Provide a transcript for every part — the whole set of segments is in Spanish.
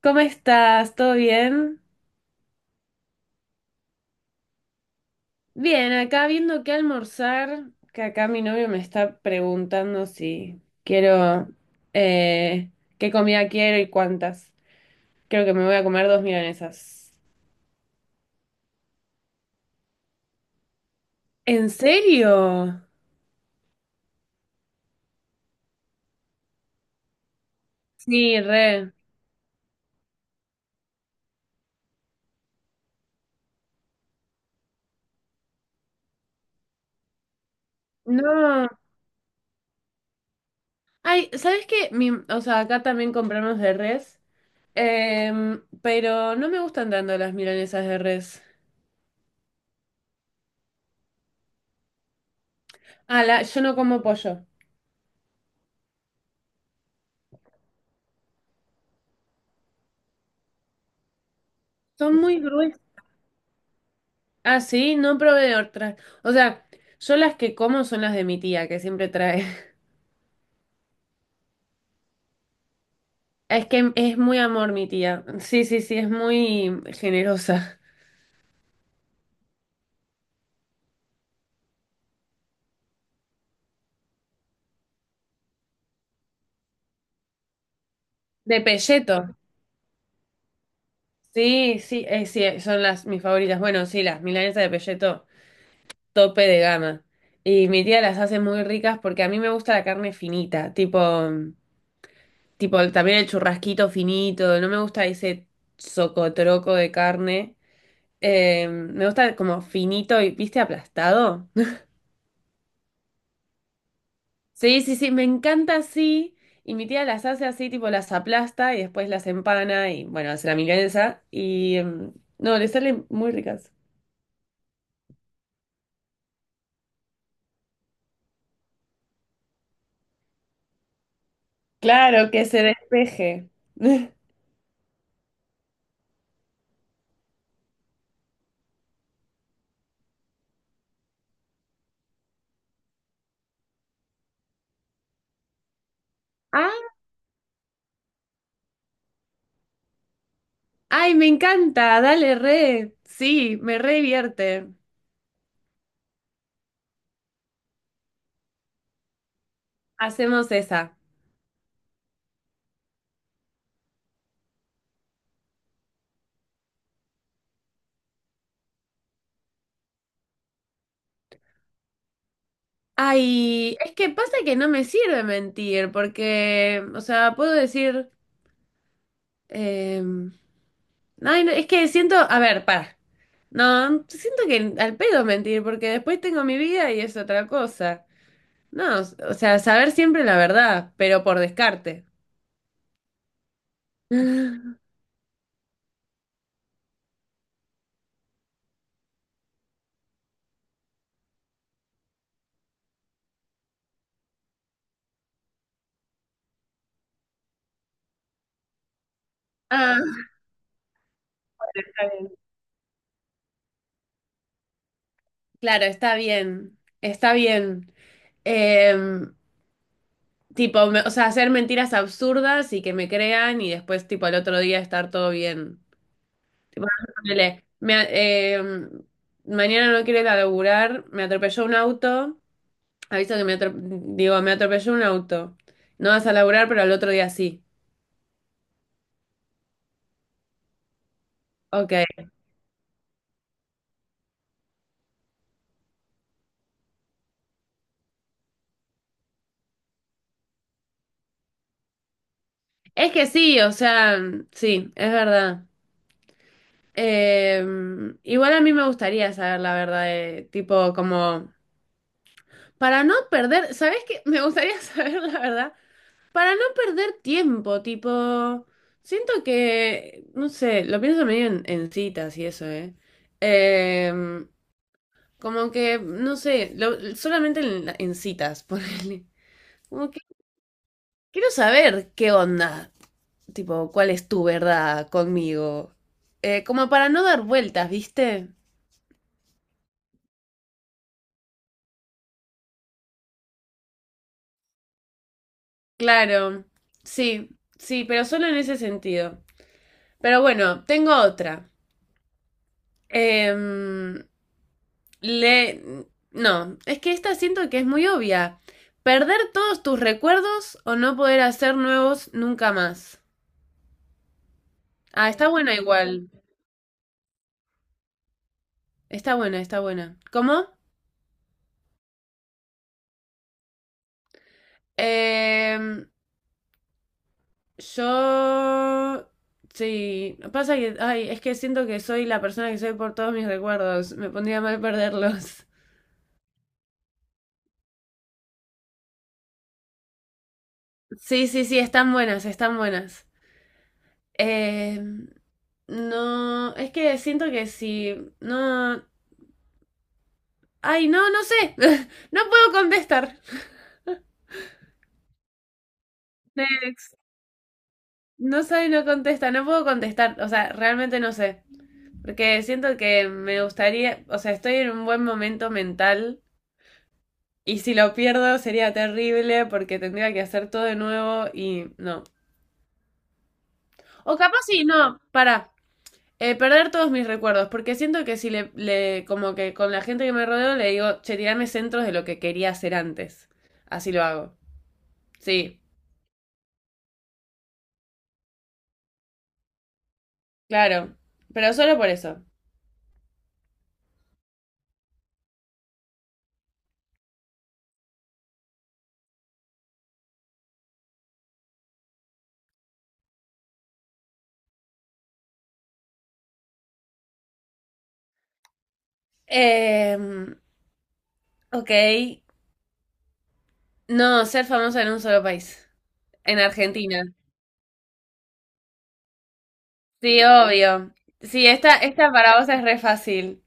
¿Cómo estás? ¿Todo bien? Bien, acá viendo qué almorzar, que acá mi novio me está preguntando si quiero, eh, qué comida quiero y cuántas. Creo que me voy a comer dos milanesas. ¿En serio? Sí, re. No. Ay, ¿sabes qué? O sea, acá también compramos de res, pero no me gustan tanto las milanesas de res. Ah, yo no como pollo. Son muy gruesas. Ah, sí, no probé de otras. O sea, yo las que como son las de mi tía, que siempre trae. Es que es muy amor mi tía. Sí, sí, sí, es muy generosa. De pelleto. Sí, sí, sí, son las mis favoritas. Bueno, sí, las milanesas de pelleto, tope de gama. Y mi tía las hace muy ricas porque a mí me gusta la carne finita, tipo, mm, tipo también el churrasquito finito. No me gusta ese socotroco de carne. Me gusta como finito y, ¿viste? Aplastado. Sí, sí, sí, me encanta así. Y mi tía las hace así, tipo las aplasta y después las empana y bueno, hace la milanesa. Y no, le salen muy ricas. Claro, que se despeje. Ah, ay, me encanta, dale re. Sí, me re divierte. Hacemos esa. Ay, es que pasa que no me sirve mentir, porque, o sea, puedo decir. Em, ay, no, es que siento, a ver, para. No, siento que al pedo mentir, porque después tengo mi vida y es otra cosa. No, o sea, saber siempre la verdad, pero por descarte. Ah, está bien. Claro, está bien, está bien. Em, tipo, o sea, hacer mentiras absurdas y que me crean y después, tipo, al otro día estar todo bien. Tipo, ponele, mañana no quiero ir a laburar, me atropelló un auto. Ha visto que me atropelló, digo, me atropelló un auto. No vas a laburar, pero al otro día sí. Ok. Es que sí, o sea, sí, es verdad. Eh, igual a mí me gustaría saber la verdad, tipo, como, para no perder, ¿sabes qué? Me gustaría saber la verdad, para no perder tiempo, tipo, siento que, no sé, lo pienso medio en citas y eso, ¿eh? Eh, como que, no sé, solamente en citas, ponele. Como quiero saber qué onda, tipo, cuál es tu verdad conmigo. Como para no dar vueltas, ¿viste? Claro, sí, sí, pero solo en ese sentido. Pero bueno, tengo otra. Em, le... No, es que esta siento que es muy obvia. Perder todos tus recuerdos o no poder hacer nuevos nunca más. Ah, está buena igual. Está buena, está buena. ¿Cómo? Em, Yo... Sí, pasa que, ay, es que siento que soy la persona que soy por todos mis recuerdos. Me pondría mal perderlos. Sí, sí, sí, están buenas, están buenas. Eh, no, es que siento que si no, ay, no, no sé, no puedo contestar. Next. No sabe no contesta, no puedo contestar, o sea, realmente no sé. Porque siento que me gustaría, o sea, estoy en un buen momento mental. Y si lo pierdo sería terrible porque tendría que hacer todo de nuevo y no. O capaz sí, no, para. Perder todos mis recuerdos, porque siento que si como que con la gente que me rodeo le digo, che, tirame centros de lo que quería hacer antes. Así lo hago. Sí, claro. Pero solo por eso. Eh, ok. No, ser famosa en un solo país. En Argentina. Sí, obvio. Sí, esta para vos es re fácil.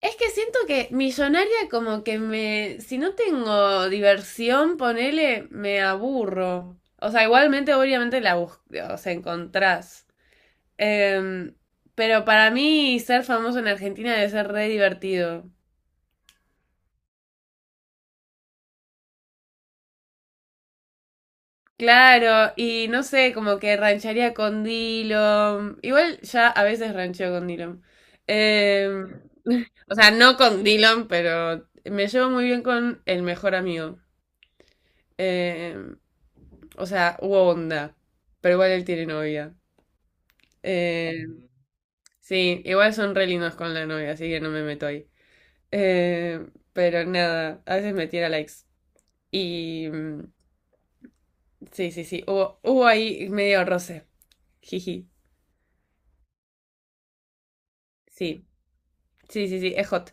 Es que siento que millonaria como que me, si no tengo diversión, ponele, me aburro. O sea, igualmente obviamente la o sea, encontrás. Em, pero para mí ser famoso en Argentina debe ser re divertido. Claro, y no sé, como que rancharía con Dillom. Igual ya a veces rancheo con Dillom. Em, o sea, no con Dillom, pero me llevo muy bien con el mejor amigo. Em, O sea, hubo onda. Pero igual él tiene novia. Eh, sí, igual son re lindos con la novia, así que no me meto ahí. Eh, pero nada, a veces me tira likes. Y sí, sí, sí. Hubo ahí medio roce. Jiji. Sí. Sí, sí, sí, es hot.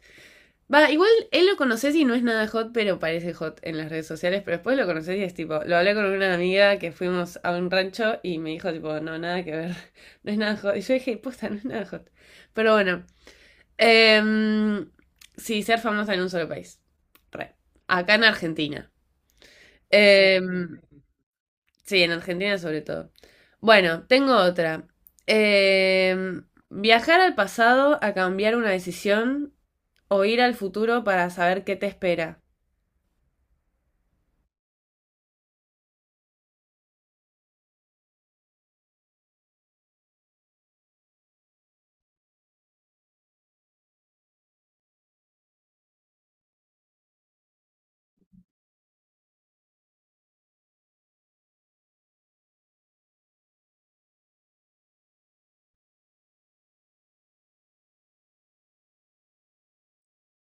Va, igual él lo conoces y no es nada hot, pero parece hot en las redes sociales, pero después lo conoces y es tipo, lo hablé con una amiga que fuimos a un rancho y me dijo tipo, no, nada que ver, no es nada hot. Y yo dije, posta, no es nada hot. Pero bueno, Em, sí, ser famosa en un solo país. Re. Acá en Argentina. Em, sí, en Argentina sobre todo. Bueno, tengo otra. Viajar al pasado a cambiar una decisión o ir al futuro para saber qué te espera.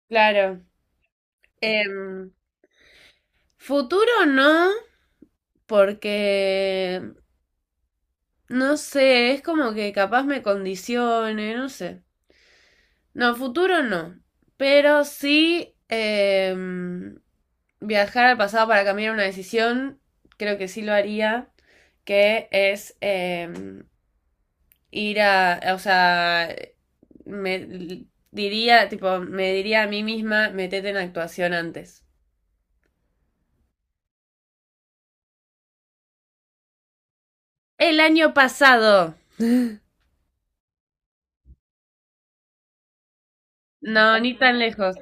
Claro. Em, futuro no, porque no sé, es como que capaz me condicione, no sé. No, futuro no. Pero sí viajar al pasado para cambiar una decisión, creo que sí lo haría, que es ir a, o sea, me diría, tipo, me diría a mí misma, metete en actuación antes. El año pasado. No, ni tan lejos.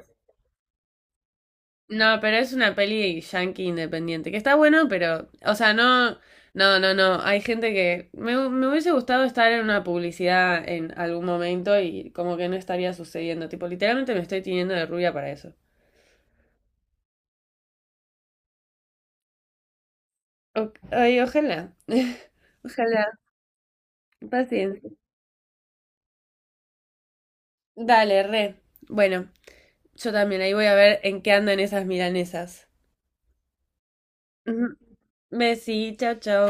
No, pero es una peli yankee independiente, que está bueno, pero, o sea, no, hay gente que me, me hubiese gustado estar en una publicidad en algún momento y como que no estaría sucediendo, tipo, literalmente me estoy tiñendo de rubia para eso. Ay, ojalá, ojalá, paciencia. Dale, re. Bueno, yo también ahí voy a ver en qué andan esas milanesas. Ujú. Besí, chao, chao.